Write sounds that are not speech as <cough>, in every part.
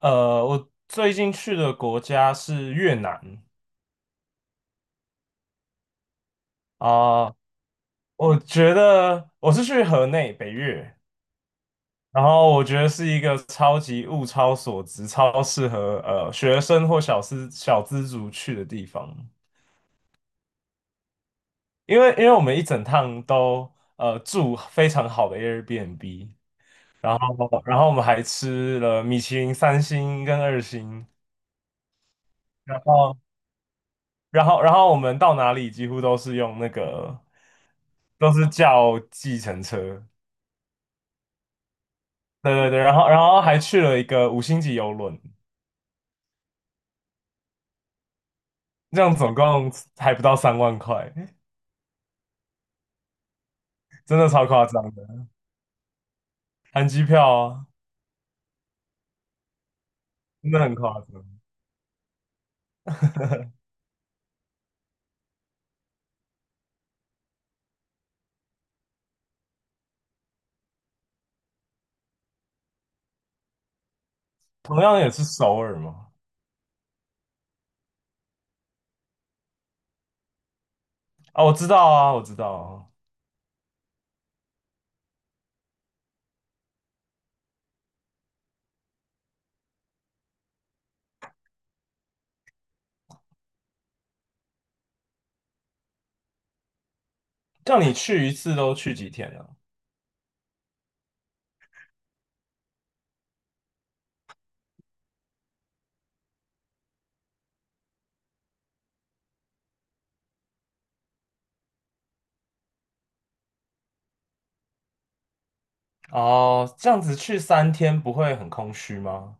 我最近去的国家是越南啊，我觉得我是去河内北越，然后我觉得是一个超级物超所值、超适合学生或小资族去的地方，因为我们一整趟都住非常好的 Airbnb，然后然后我们还吃了米其林3星跟2星。然后。然后我们到哪里几乎都是用那个，都是叫计程车，对对对，然后还去了一个五星级游轮，这样总共还不到30,000块，真的超夸张的，含机票啊，真的很夸张。<laughs> 同样也是首尔嘛，啊，我知道啊，我知道啊，叫你去一次都去几天啊？哦，这样子去三天不会很空虚吗？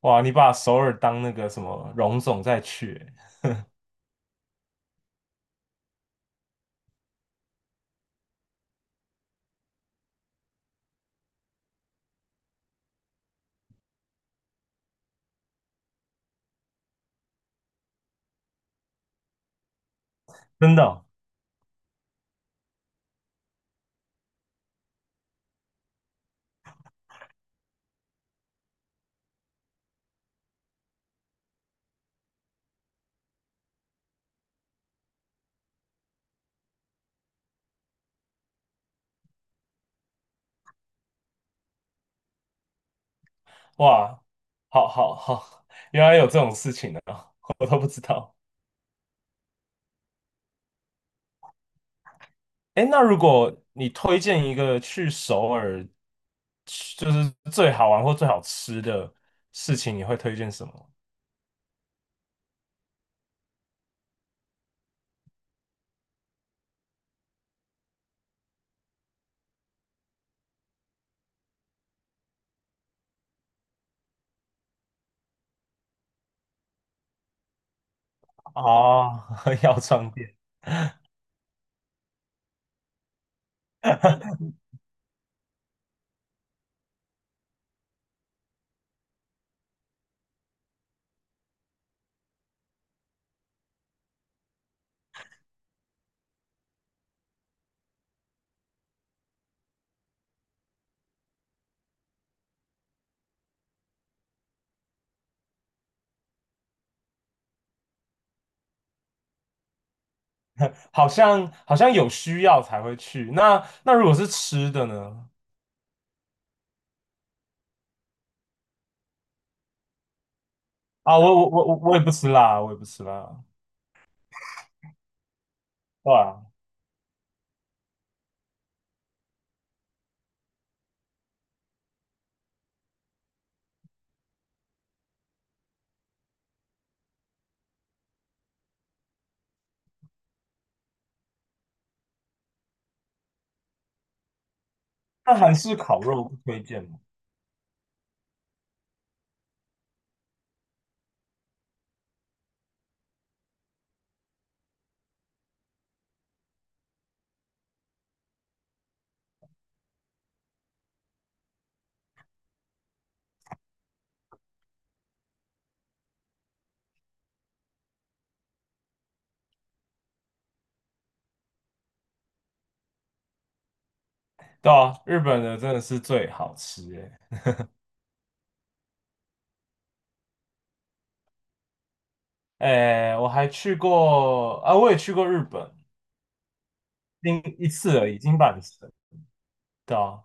哇，你把首尔当那个什么荣总再去欸。真的哦。哇，好好好，原来有这种事情的，<laughs> 我都不知道。哎，那如果你推荐一个去首尔，就是最好玩或最好吃的事情，你会推荐什么？啊？<laughs> 药妆店。<laughs> 好像有需要才会去。那如果是吃的呢？啊，我也不吃辣，我也不吃辣。对啊，那韩式烤肉不推荐吗？对啊，日本的真的是最好吃诶。哎，我还去过啊，我也去过日本，另一次而已，金板神。对啊，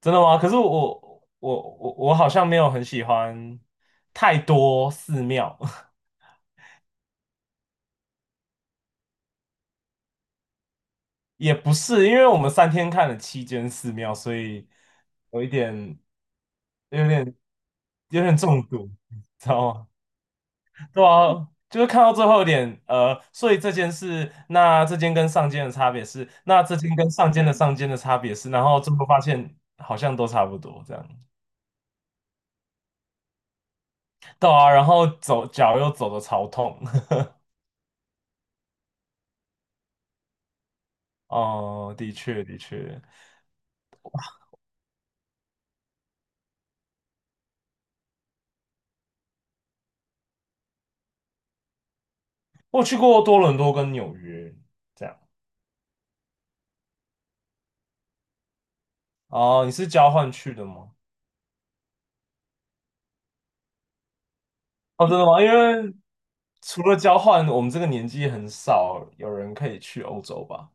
真的吗？可是我好像没有很喜欢太多寺庙，<laughs> 也不是，因为我们三天看了7间寺庙，所以有一点有点有点中毒，<laughs> 知道吗？对啊，就是看到最后一点，所以这件事，那这间跟上间的差别是，那这间跟上间的差别是，然后最后发现好像都差不多这样。对啊，然后走脚又走的超痛。<laughs> 哦，的确的确，我去过多伦多跟纽约这样。哦，你是交换去的吗？哦，真的吗？因为除了交换，我们这个年纪很少有人可以去欧洲吧。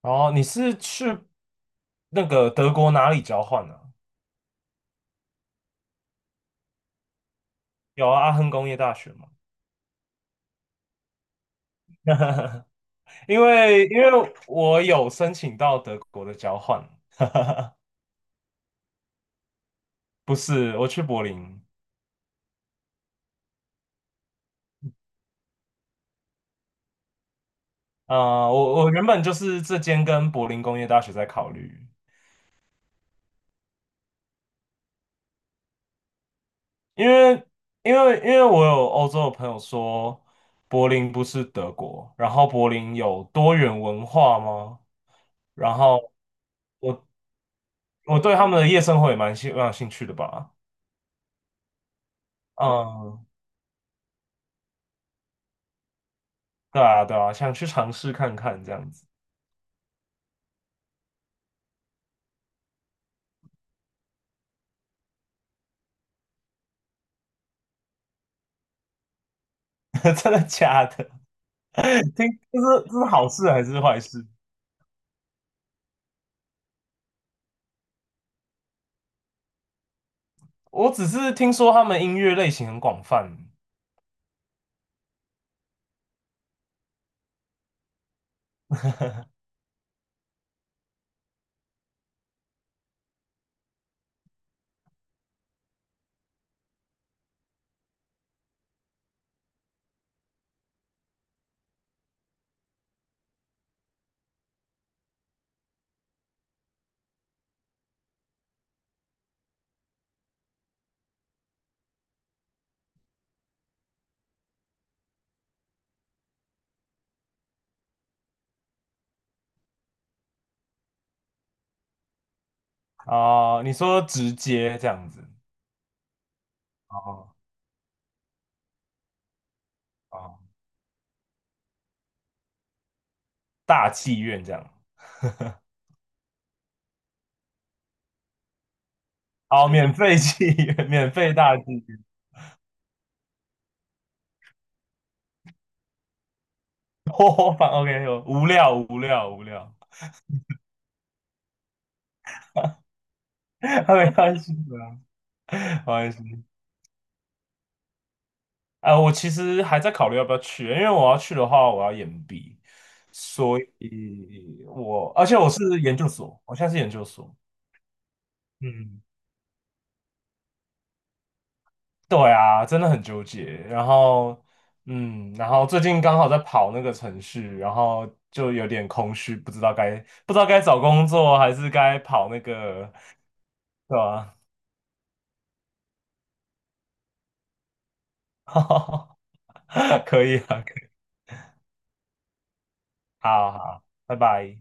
哦，你是去那个德国哪里交换呢、有啊阿亨工业大学吗？因为我有申请到德国的交换，不是我去柏林。啊、我原本就是这间跟柏林工业大学在考虑，因为因为我有欧洲的朋友说柏林不是德国，然后柏林有多元文化吗？然后我我对他们的夜生活也蛮有兴趣的吧。嗯，对啊，对啊，想去尝试看看这样子。<laughs> 真的假的？<laughs> 听，这是好事还是坏事？我只是听说他们音乐类型很广泛。 <laughs> 哦，你说直接这样子。哦哦，大妓院这样。哦，免费妓院，<laughs> 免费大妓院。<laughs> 我反 OK,有无聊无聊无聊。<laughs> 没关系的，没关系。我其实还在考虑要不要去，因为我要去的话，我要延毕，所以我而且我是研究所，我现在是研究所。嗯，对啊，真的很纠结。然后，嗯，然后最近刚好在跑那个程序，然后就有点空虚，不知道该找工作还是该跑那个，对吧？<laughs> 可以啊，可以好好，拜拜。